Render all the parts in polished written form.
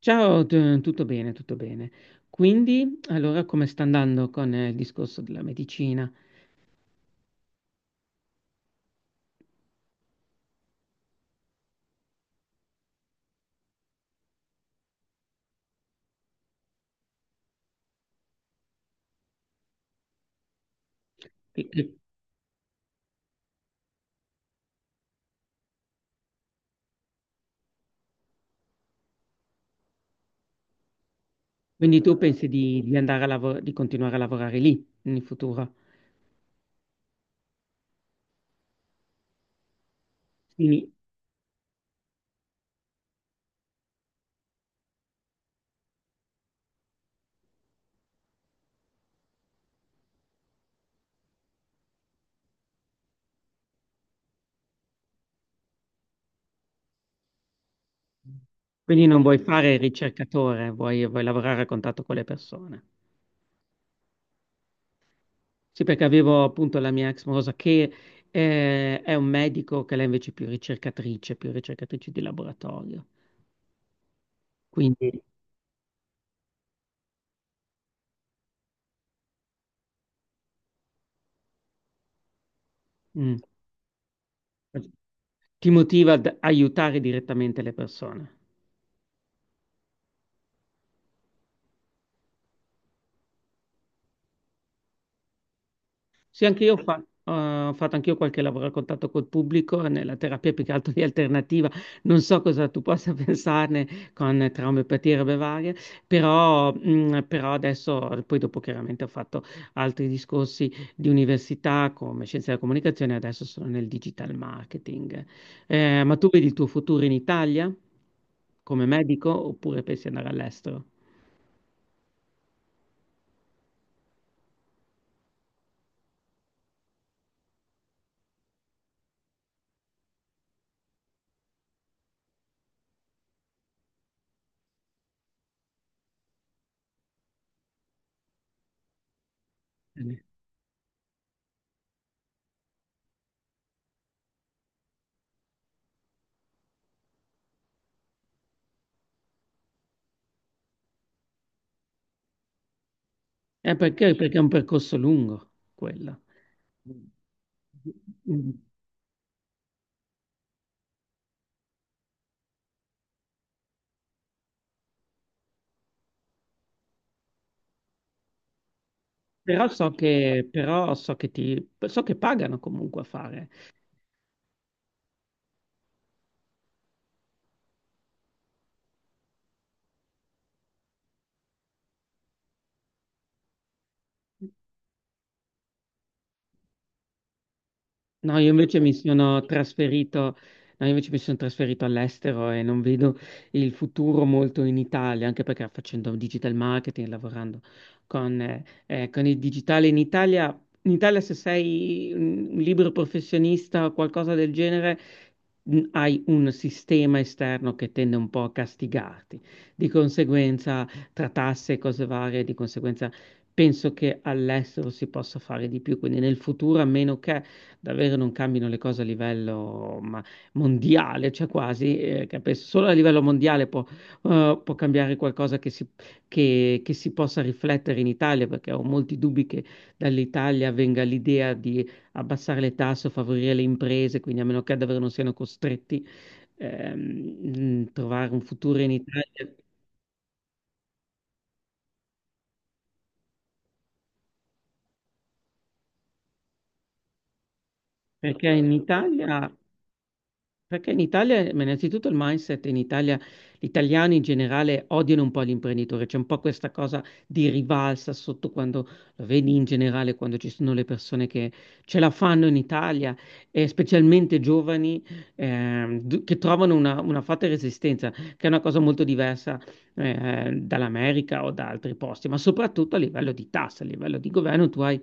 Ciao, tutto bene, tutto bene. Quindi, allora, come sta andando con il discorso della medicina? E- e Quindi tu pensi di andare a lavorare, di continuare a lavorare lì in futuro? Quindi, quindi, non vuoi fare il ricercatore, vuoi lavorare a contatto con le persone. Sì, perché avevo appunto la mia ex morosa che è un medico, che lei invece è più ricercatrice di laboratorio. Quindi, mm, Ti motiva ad aiutare direttamente le persone. Sì, anche io eh, ho fatto anch'io qualche lavoro a contatto col pubblico nella terapia più che altro di alternativa. Non so cosa tu possa pensarne con traumopatie e robe varie, però, però adesso, poi dopo chiaramente ho fatto altri discorsi di università come scienze della comunicazione, adesso sono nel digital marketing. Ma tu vedi il tuo futuro in Italia come medico oppure pensi di andare all'estero? Perché? Perché è un percorso lungo quello. Mm. Però so che, però so che so che pagano comunque a fare. No, io invece mi sono trasferito, no, io invece mi sono trasferito all'estero e non vedo il futuro molto in Italia, anche perché facendo digital marketing, lavorando con con il digitale in Italia se sei un libero professionista o qualcosa del genere, hai un sistema esterno che tende un po' a castigarti. Di conseguenza, tra tasse e cose varie, di conseguenza penso che all'estero si possa fare di più, quindi nel futuro, a meno che davvero non cambino le cose a livello mondiale, cioè quasi, che penso solo a livello mondiale può, può cambiare qualcosa che si possa riflettere in Italia, perché ho molti dubbi che dall'Italia venga l'idea di abbassare le tasse o favorire le imprese, quindi a meno che davvero non siano costretti trovare un futuro in Italia, perché in Italia Perché in Italia, ma innanzitutto il mindset in Italia, gli italiani in generale odiano un po' l'imprenditore, c'è un po' questa cosa di rivalsa sotto quando lo vedi in generale, quando ci sono le persone che ce la fanno in Italia, e specialmente giovani che trovano una forte resistenza, che è una cosa molto diversa dall'America o da altri posti, ma soprattutto a livello di tasse, a livello di governo, tu hai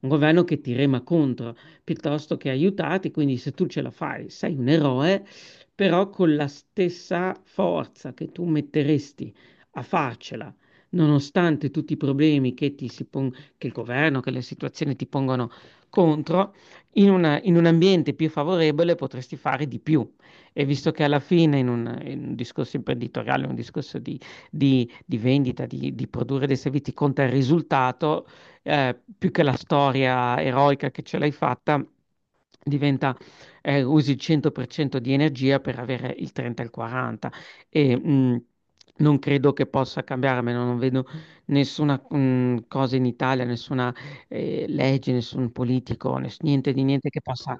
un governo che ti rema contro piuttosto che aiutati, quindi se tu ce la fai, sei un eroe, però con la stessa forza che tu metteresti a farcela, nonostante tutti i problemi che, che il governo, che le situazioni ti pongono contro, in un ambiente più favorevole potresti fare di più. E visto che alla fine in un discorso imprenditoriale, un discorso di vendita, di produrre dei servizi, conta il risultato, più che la storia eroica che ce l'hai fatta, diventa, usi il 100% di energia per avere il 30 e il 40. E, mh, Non credo che possa cambiare, a meno non vedo nessuna cosa in Italia, nessuna legge, nessun politico, niente di niente che possa.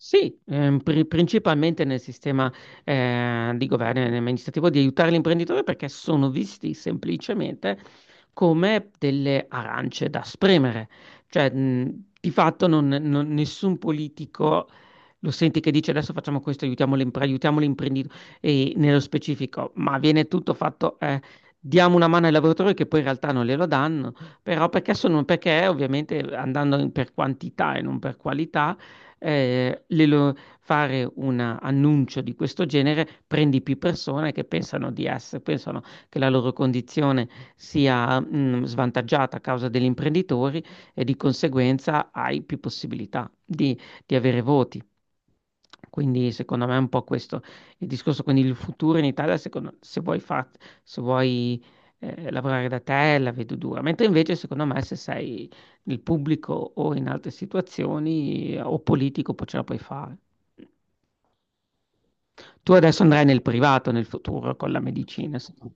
Sì, principalmente nel sistema di governo e nel sistema amministrativo di aiutare l'imprenditore perché sono visti semplicemente come delle arance da spremere. Cioè, di fatto nessun politico lo senti che dice adesso facciamo questo, aiutiamo l'imprenditore, e nello specifico, ma viene tutto fatto, diamo una mano ai lavoratori che poi in realtà non glielo danno, perché ovviamente per quantità e non per qualità eh, le lo- fare un annuncio di questo genere prendi più persone che pensano che la loro condizione sia, svantaggiata a causa degli imprenditori e di conseguenza hai più possibilità di avere voti. Quindi secondo me è un po' questo il discorso. Quindi il futuro in Italia, se vuoi, se vuoi lavorare da te, la vedo dura. Mentre invece secondo me se sei il pubblico o in altre situazioni o politico poi ce la puoi fare. Tu adesso andrai nel privato nel futuro con la medicina, no?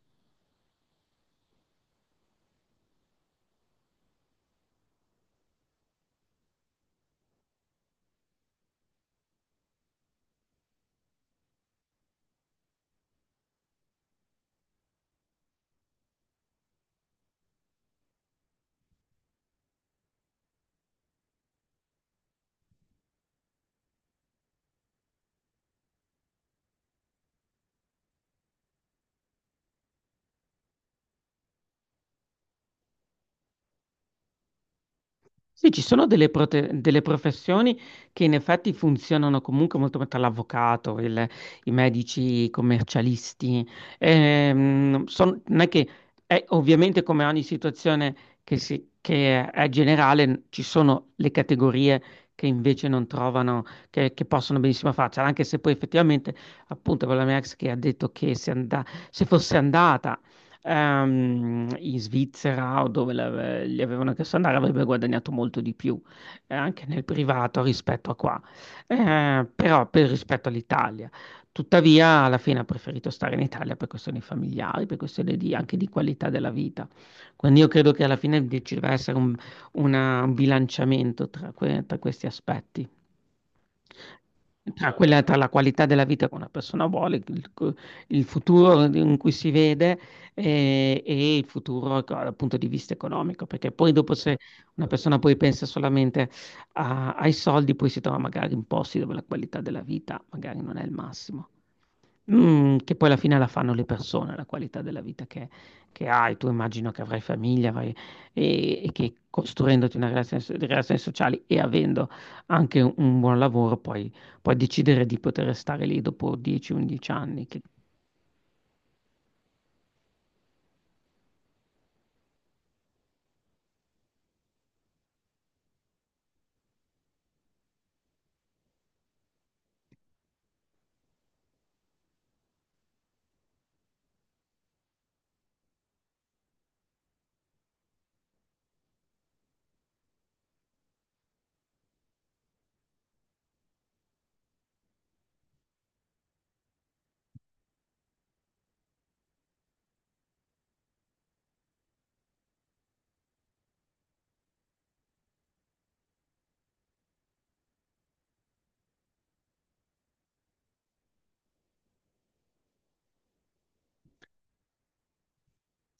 Sì, ci sono delle professioni che in effetti funzionano comunque molto bene, tra l'avvocato, i medici, i commercialisti. Non è che è ovviamente come ogni situazione che è generale, ci sono le categorie che invece non trovano, che possono benissimo farcela, anche se poi effettivamente, appunto, con la mia ex che ha detto che se fosse andata in Svizzera o dove li avevano chiesto di andare avrebbe guadagnato molto di più, anche nel privato rispetto a qua, però per rispetto all'Italia. Tuttavia, alla fine ha preferito stare in Italia per questioni familiari, per anche di qualità della vita. Quindi io credo che alla fine ci deve essere un bilanciamento tra questi aspetti. Tra quella, tra la qualità della vita che una persona vuole, il futuro in cui si vede il futuro dal punto di vista economico, perché poi dopo se una persona poi pensa solamente ai soldi, poi si trova magari in posti dove la qualità della vita magari non è il massimo. Mm, che poi alla fine la fanno le persone, la qualità della vita che hai. Tu immagino che avrai famiglia, e che costruendoti una relazione, di relazioni sociali e avendo anche un buon lavoro, poi puoi decidere di poter stare lì dopo 10-11 anni, che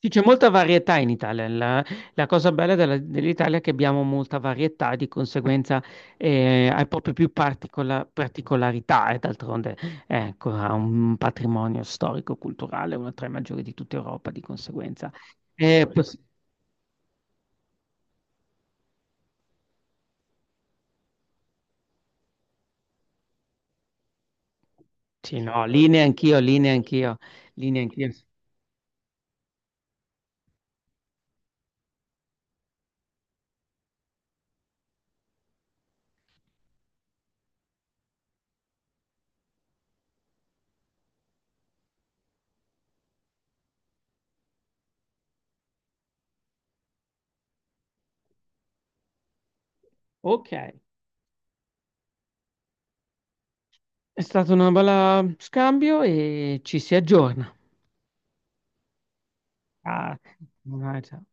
sì, c'è molta varietà in Italia. La cosa bella dell'Italia è che abbiamo molta varietà, di conseguenza hai proprio più particolarità e d'altronde ecco, ha un patrimonio storico-culturale, una tra i maggiori di tutta Europa, di conseguenza. Eh, pos- sì, no, lì neanch'io, lì neanch'io, lì neanch'io. Ok, è stato un bel scambio e ci si aggiorna. Ah, ciao.